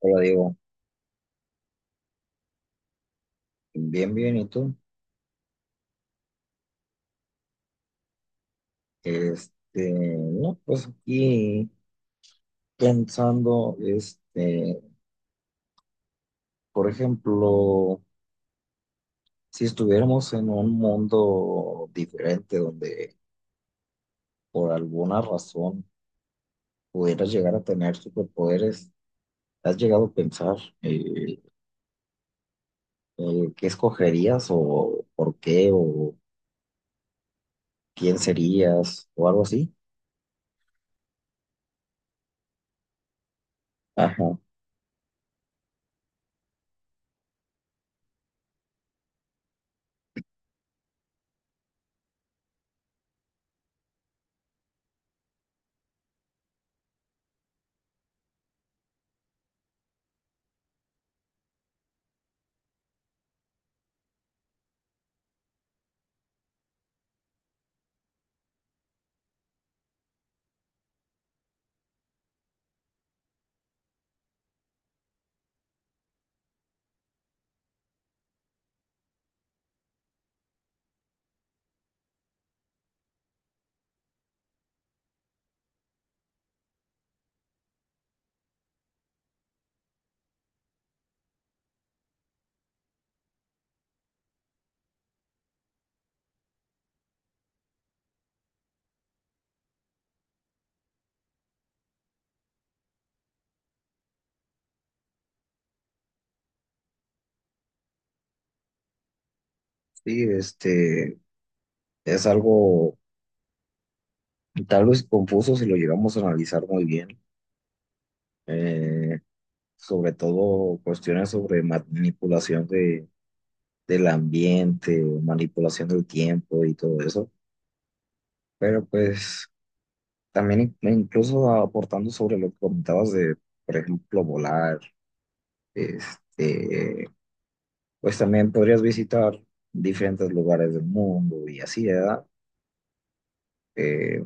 Hola, Diego. Bien, bien, ¿y tú? Este, no, pues aquí pensando, este, por ejemplo, si estuviéramos en un mundo diferente donde por alguna razón pudieras llegar a tener superpoderes, ¿has llegado a pensar eh, qué escogerías o por qué o quién serías o algo así? Ajá, sí, este, es algo tal vez confuso si lo llegamos a analizar muy bien. eh, Sobre todo cuestiones sobre manipulación de, del ambiente, manipulación del tiempo y todo eso, pero pues también incluso aportando sobre lo que comentabas de, por ejemplo, volar, este, pues también podrías visitar diferentes lugares del mundo y así, ¿verdad? Eh,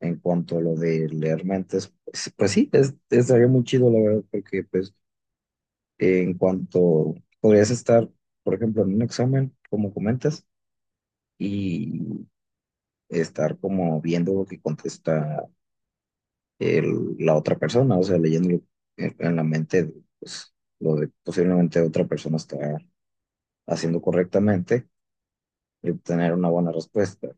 en cuanto a lo de leer mentes, pues, pues sí, es, estaría muy chido, la verdad, porque pues en cuanto podrías estar, por ejemplo, en un examen, como comentas, y estar como viendo lo que contesta la otra persona, o sea, leyendo en la mente, pues, lo que posiblemente otra persona está haciendo correctamente y obtener una buena respuesta.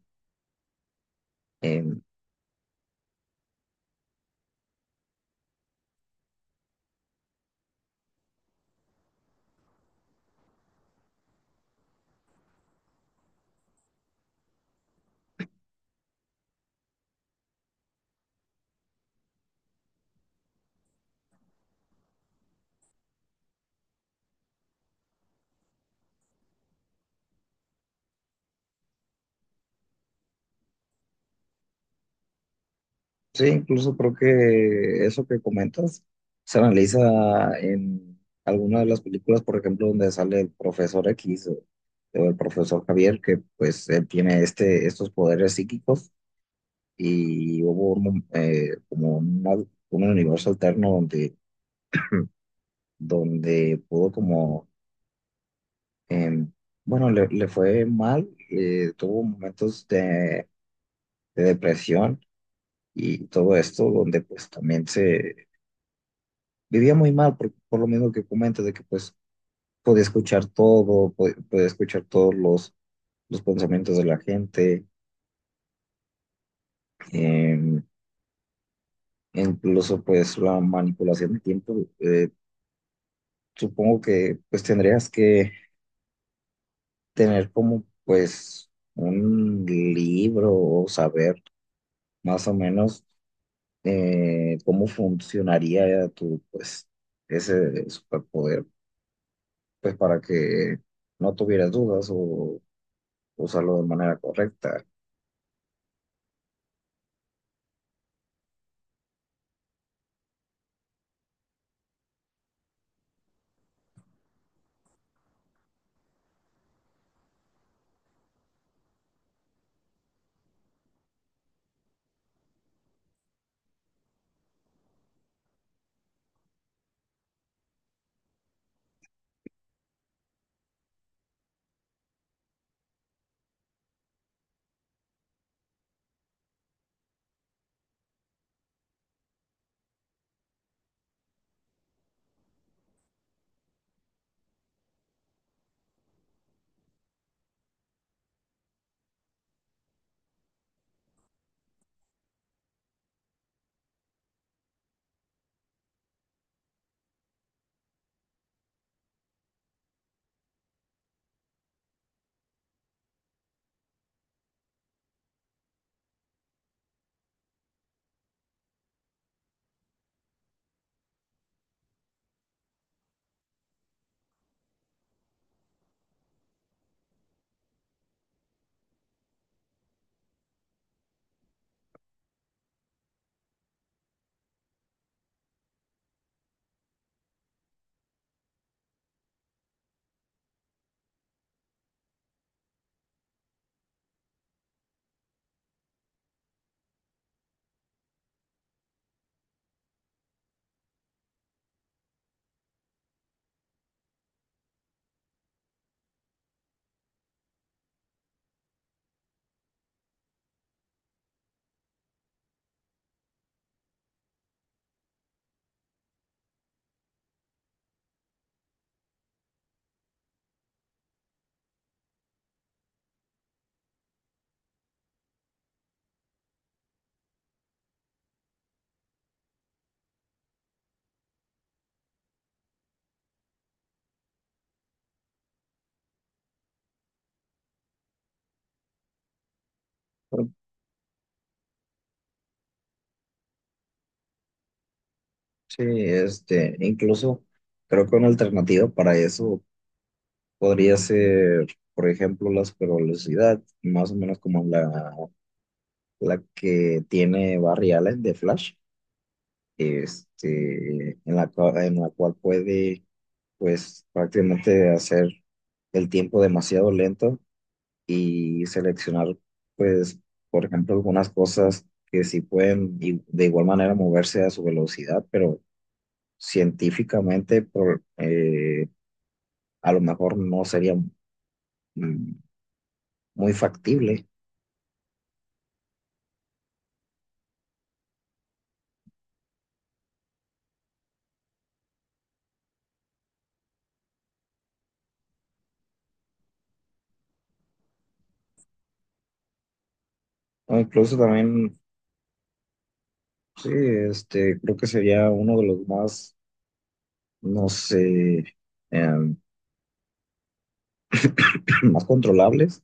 Sí, incluso creo que eso que comentas se analiza en alguna de las películas, por ejemplo, donde sale el profesor X o el profesor Javier, que pues él tiene este, estos poderes psíquicos y hubo un como un universo alterno donde, donde pudo como, em, bueno, le fue mal, tuvo momentos de depresión y todo esto donde pues también se vivía muy mal por lo mismo que comentas, de que pues podía escuchar todo, podía escuchar todos los pensamientos de la gente, eh, incluso pues la manipulación de tiempo. Supongo que pues tendrías que tener como pues un libro o saber más o menos cómo funcionaría tu pues ese superpoder, pues para que no tuvieras dudas o usarlo de manera correcta. Sí, este, incluso creo que una alternativa para eso podría ser, por ejemplo, la supervelocidad, más o menos como la que tiene Barry Allen de Flash, este, en la, en la cual puede, pues, prácticamente hacer el tiempo demasiado lento y seleccionar, pues, por ejemplo, algunas cosas que sí pueden de igual manera moverse a su velocidad, pero científicamente a lo mejor no sería mm, muy factible. O incluso también, sí, este, creo que sería uno de los más, no sé, em, más controlables.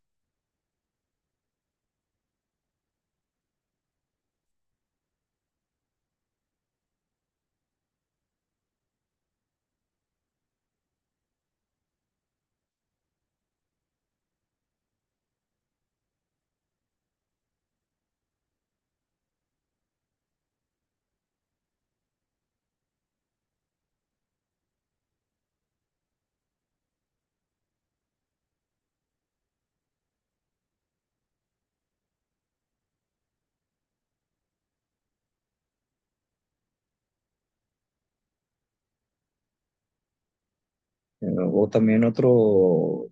O también otro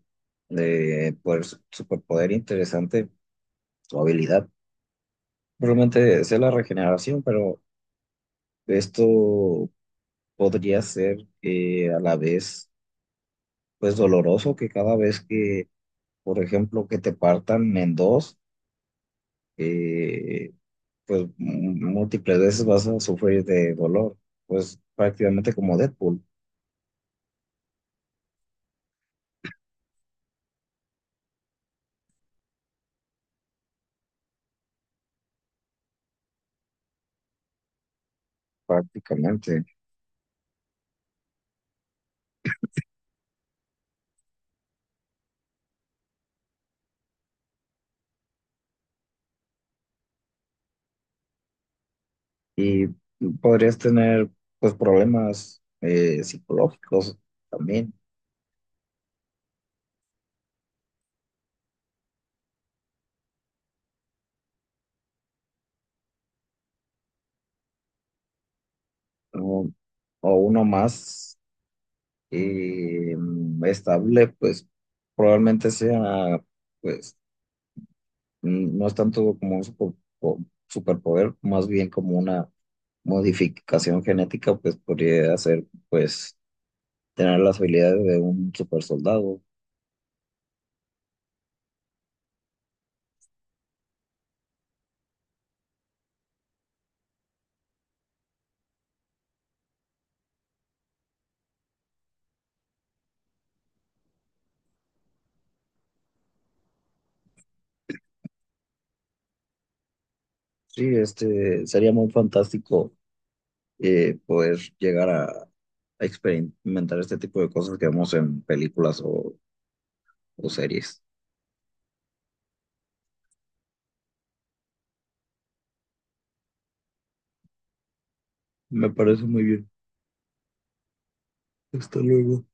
de pues, superpoder interesante, su habilidad. Probablemente sea la regeneración, pero esto podría ser a la vez pues doloroso que cada vez que por ejemplo, que te partan en dos, eh, pues múltiples veces vas a sufrir de dolor, pues prácticamente como Deadpool, prácticamente. Y podrías tener, pues, problemas psicológicos también, ¿no? O uno más estable, pues probablemente sea, pues, no es tanto como un po- superpoder, más bien como una modificación genética, pues podría hacer, pues, tener las habilidades de un super soldado. Sí, este, sería muy fantástico poder llegar a experimentar este tipo de cosas que vemos en películas o series. Me parece muy bien. Hasta luego.